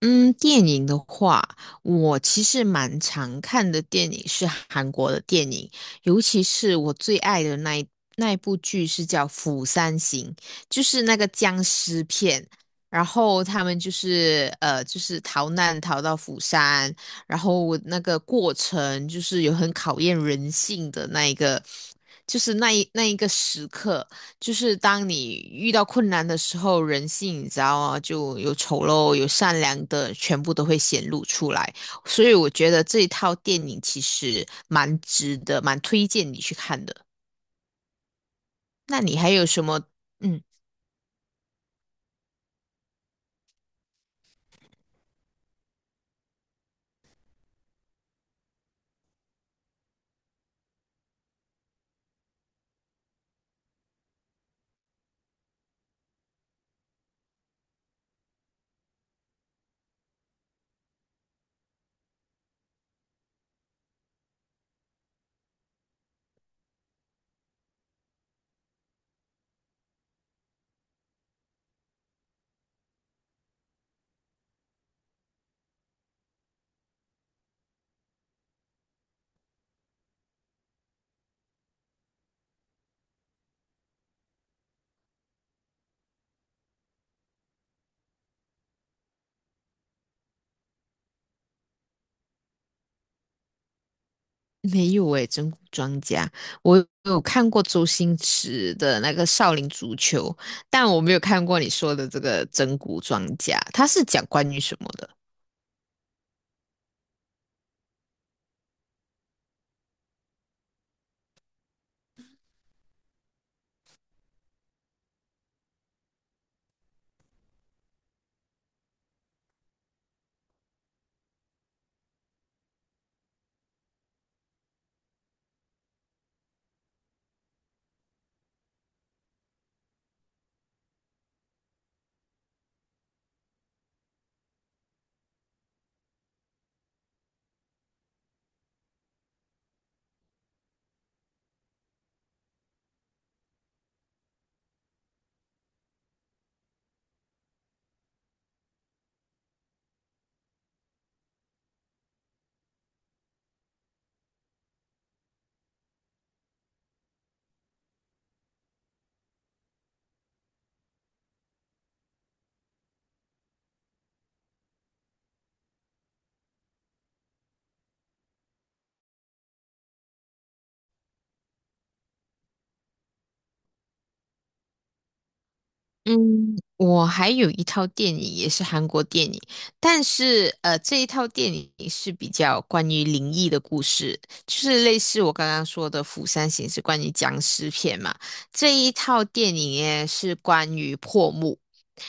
嗯，电影的话，我其实蛮常看的电影是韩国的电影，尤其是我最爱的那一部剧是叫《釜山行》，就是那个僵尸片。然后他们就是就是逃难逃到釜山，然后那个过程就是有很考验人性的那一个就是那一个时刻，就是当你遇到困难的时候，人性你知道吗？就有丑陋，有善良的，全部都会显露出来。所以我觉得这一套电影其实蛮值得，蛮推荐你去看的。那你还有什么？嗯，没有诶，整蛊专家，我有看过周星驰的那个《少林足球》，但我没有看过你说的这个整蛊专家，他是讲关于什么的？嗯，我还有一套电影也是韩国电影，但是这一套电影是比较关于灵异的故事，就是类似我刚刚说的《釜山行》是关于僵尸片嘛，这一套电影呢是关于破墓。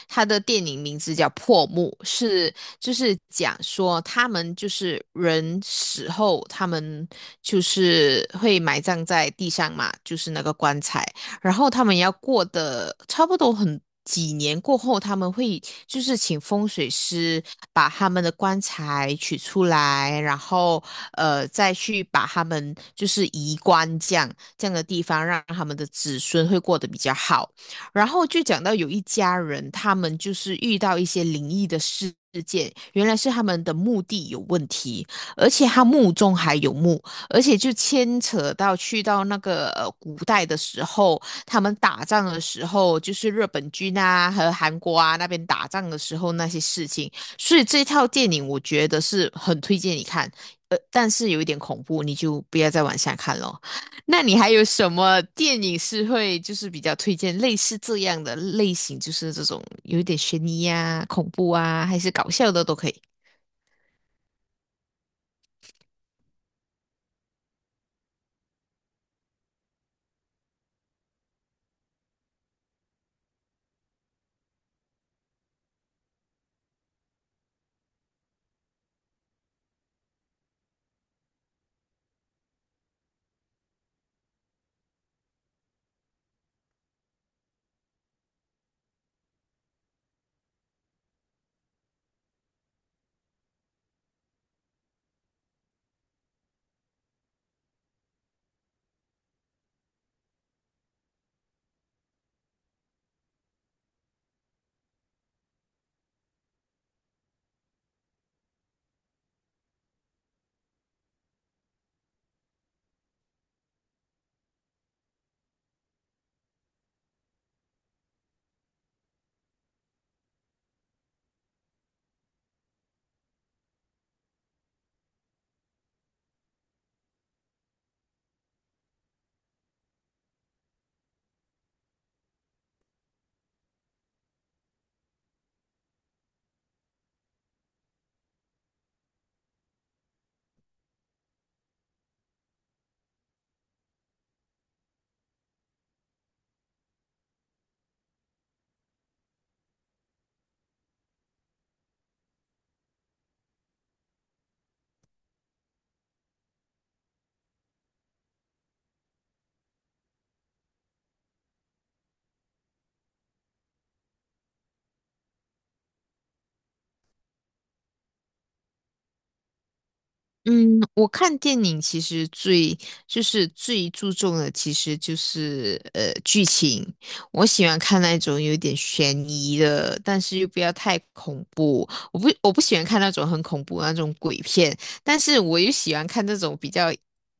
他的电影名字叫《破墓》，是就是讲说他们就是人死后，他们就是会埋葬在地上嘛，就是那个棺材。然后他们要过的差不多很几年过后，他们会就是请风水师把他们的棺材取出来，然后再去把他们就是移棺这样的地方，让他们的子孙会过得比较好。然后就讲到有一家人，他们就是遇到一些灵异的事。件原来是他们的墓地有问题，而且他墓中还有墓，而且就牵扯到去到那个古代的时候，他们打仗的时候，就是日本军啊和韩国啊那边打仗的时候那些事情。所以这套电影我觉得是很推荐你看，呃，但是有一点恐怖，你就不要再往下看了。那你还有什么电影是会就是比较推荐类似这样的类型，就是这种有一点悬疑啊、恐怖啊，还是搞笑的都可以。嗯，我看电影其实最就是最注重的，其实就是剧情。我喜欢看那种有点悬疑的，但是又不要太恐怖。我不喜欢看那种很恐怖的那种鬼片，但是我又喜欢看那种比较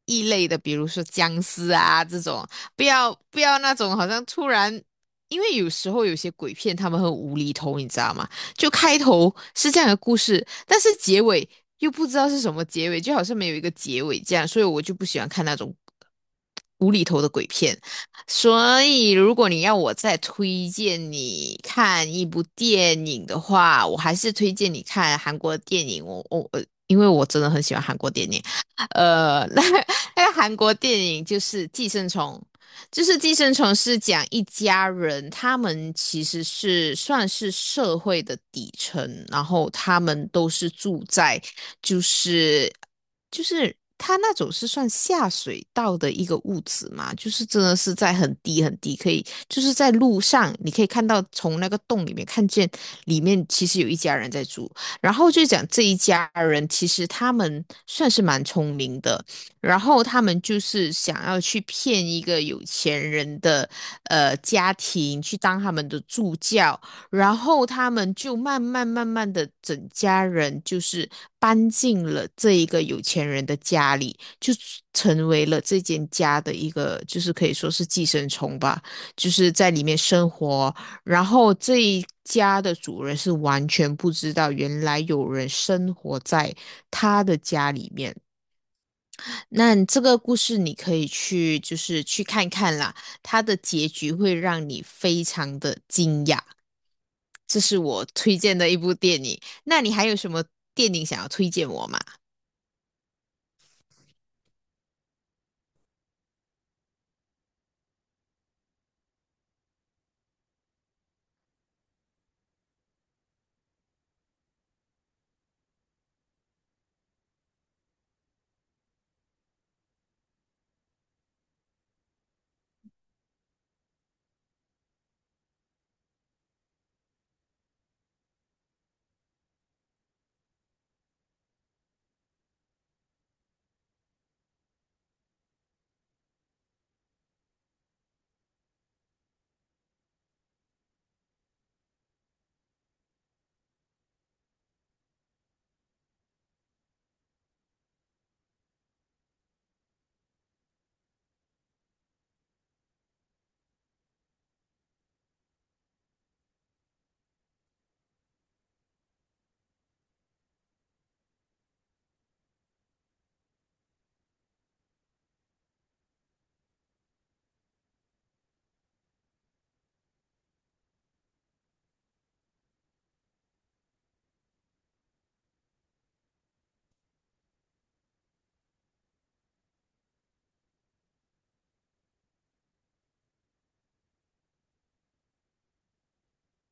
异类的，比如说僵尸啊这种，不要那种好像突然。因为有时候有些鬼片他们很无厘头，你知道吗？就开头是这样的故事，但是结尾又不知道是什么结尾，就好像没有一个结尾这样，所以我就不喜欢看那种无厘头的鬼片。所以，如果你要我再推荐你看一部电影的话，我还是推荐你看韩国电影。我我呃，因为我真的很喜欢韩国电影。呃，那那个韩国电影就是《寄生虫》，就是《寄生虫》是讲一家人，他们其实是算是社会的底层，然后他们都是住在就是就是他那种是算下水道的一个屋子嘛，就是真的是在很低很低，可以就是在路上你可以看到从那个洞里面看见里面其实有一家人在住，然后就讲这一家人其实他们算是蛮聪明的，然后他们就是想要去骗一个有钱人的家庭去当他们的助教，然后他们就慢慢的整家人就是搬进了这一个有钱人的家里，就成为了这间家的一个就是可以说是寄生虫吧，就是在里面生活，然后这一家的主人是完全不知道原来有人生活在他的家里面。那你这个故事你可以去，就是去看看啦，它的结局会让你非常的惊讶。这是我推荐的一部电影。那你还有什么电影想要推荐我吗？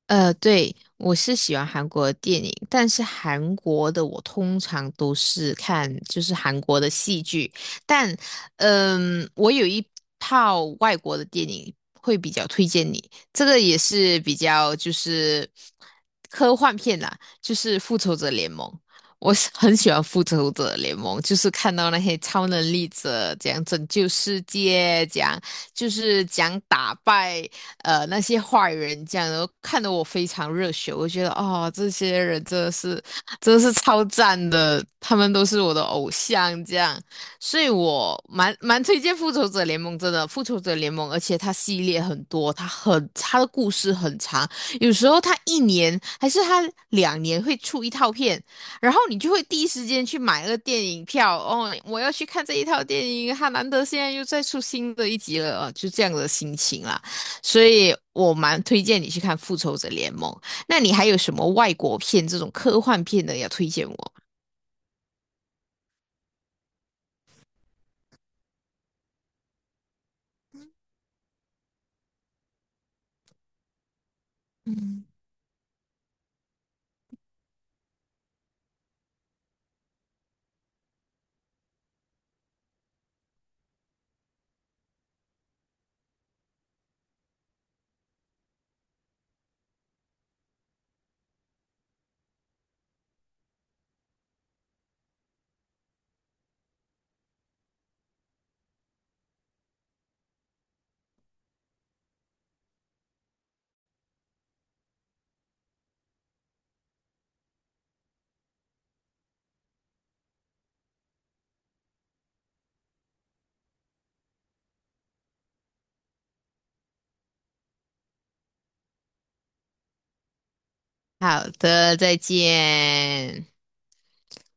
呃，对，我是喜欢韩国的电影，但是韩国的我通常都是看就是韩国的戏剧，但嗯，我有一套外国的电影会比较推荐你，这个也是比较就是科幻片啦，就是《复仇者联盟》，我是很喜欢《复仇者联盟》，就是看到那些超能力者怎样拯救世界，怎样就是讲打败。那些坏人这样，然后看得我非常热血。我觉得哦，这些人真的是超赞的，他们都是我的偶像这样，所以我蛮推荐《复仇者联盟》真的，《复仇者联盟》，而且它系列很多，它的故事很长，有时候它一年还是它两年会出一套片。然后你就会第一时间去买那个电影票哦，我要去看这一套电影，它难得现在又再出新的一集了，哦就这样的心情啦。所以我蛮推荐你去看《复仇者联盟》。那你还有什么外国片这种科幻片的要推荐我？嗯，好的，再见。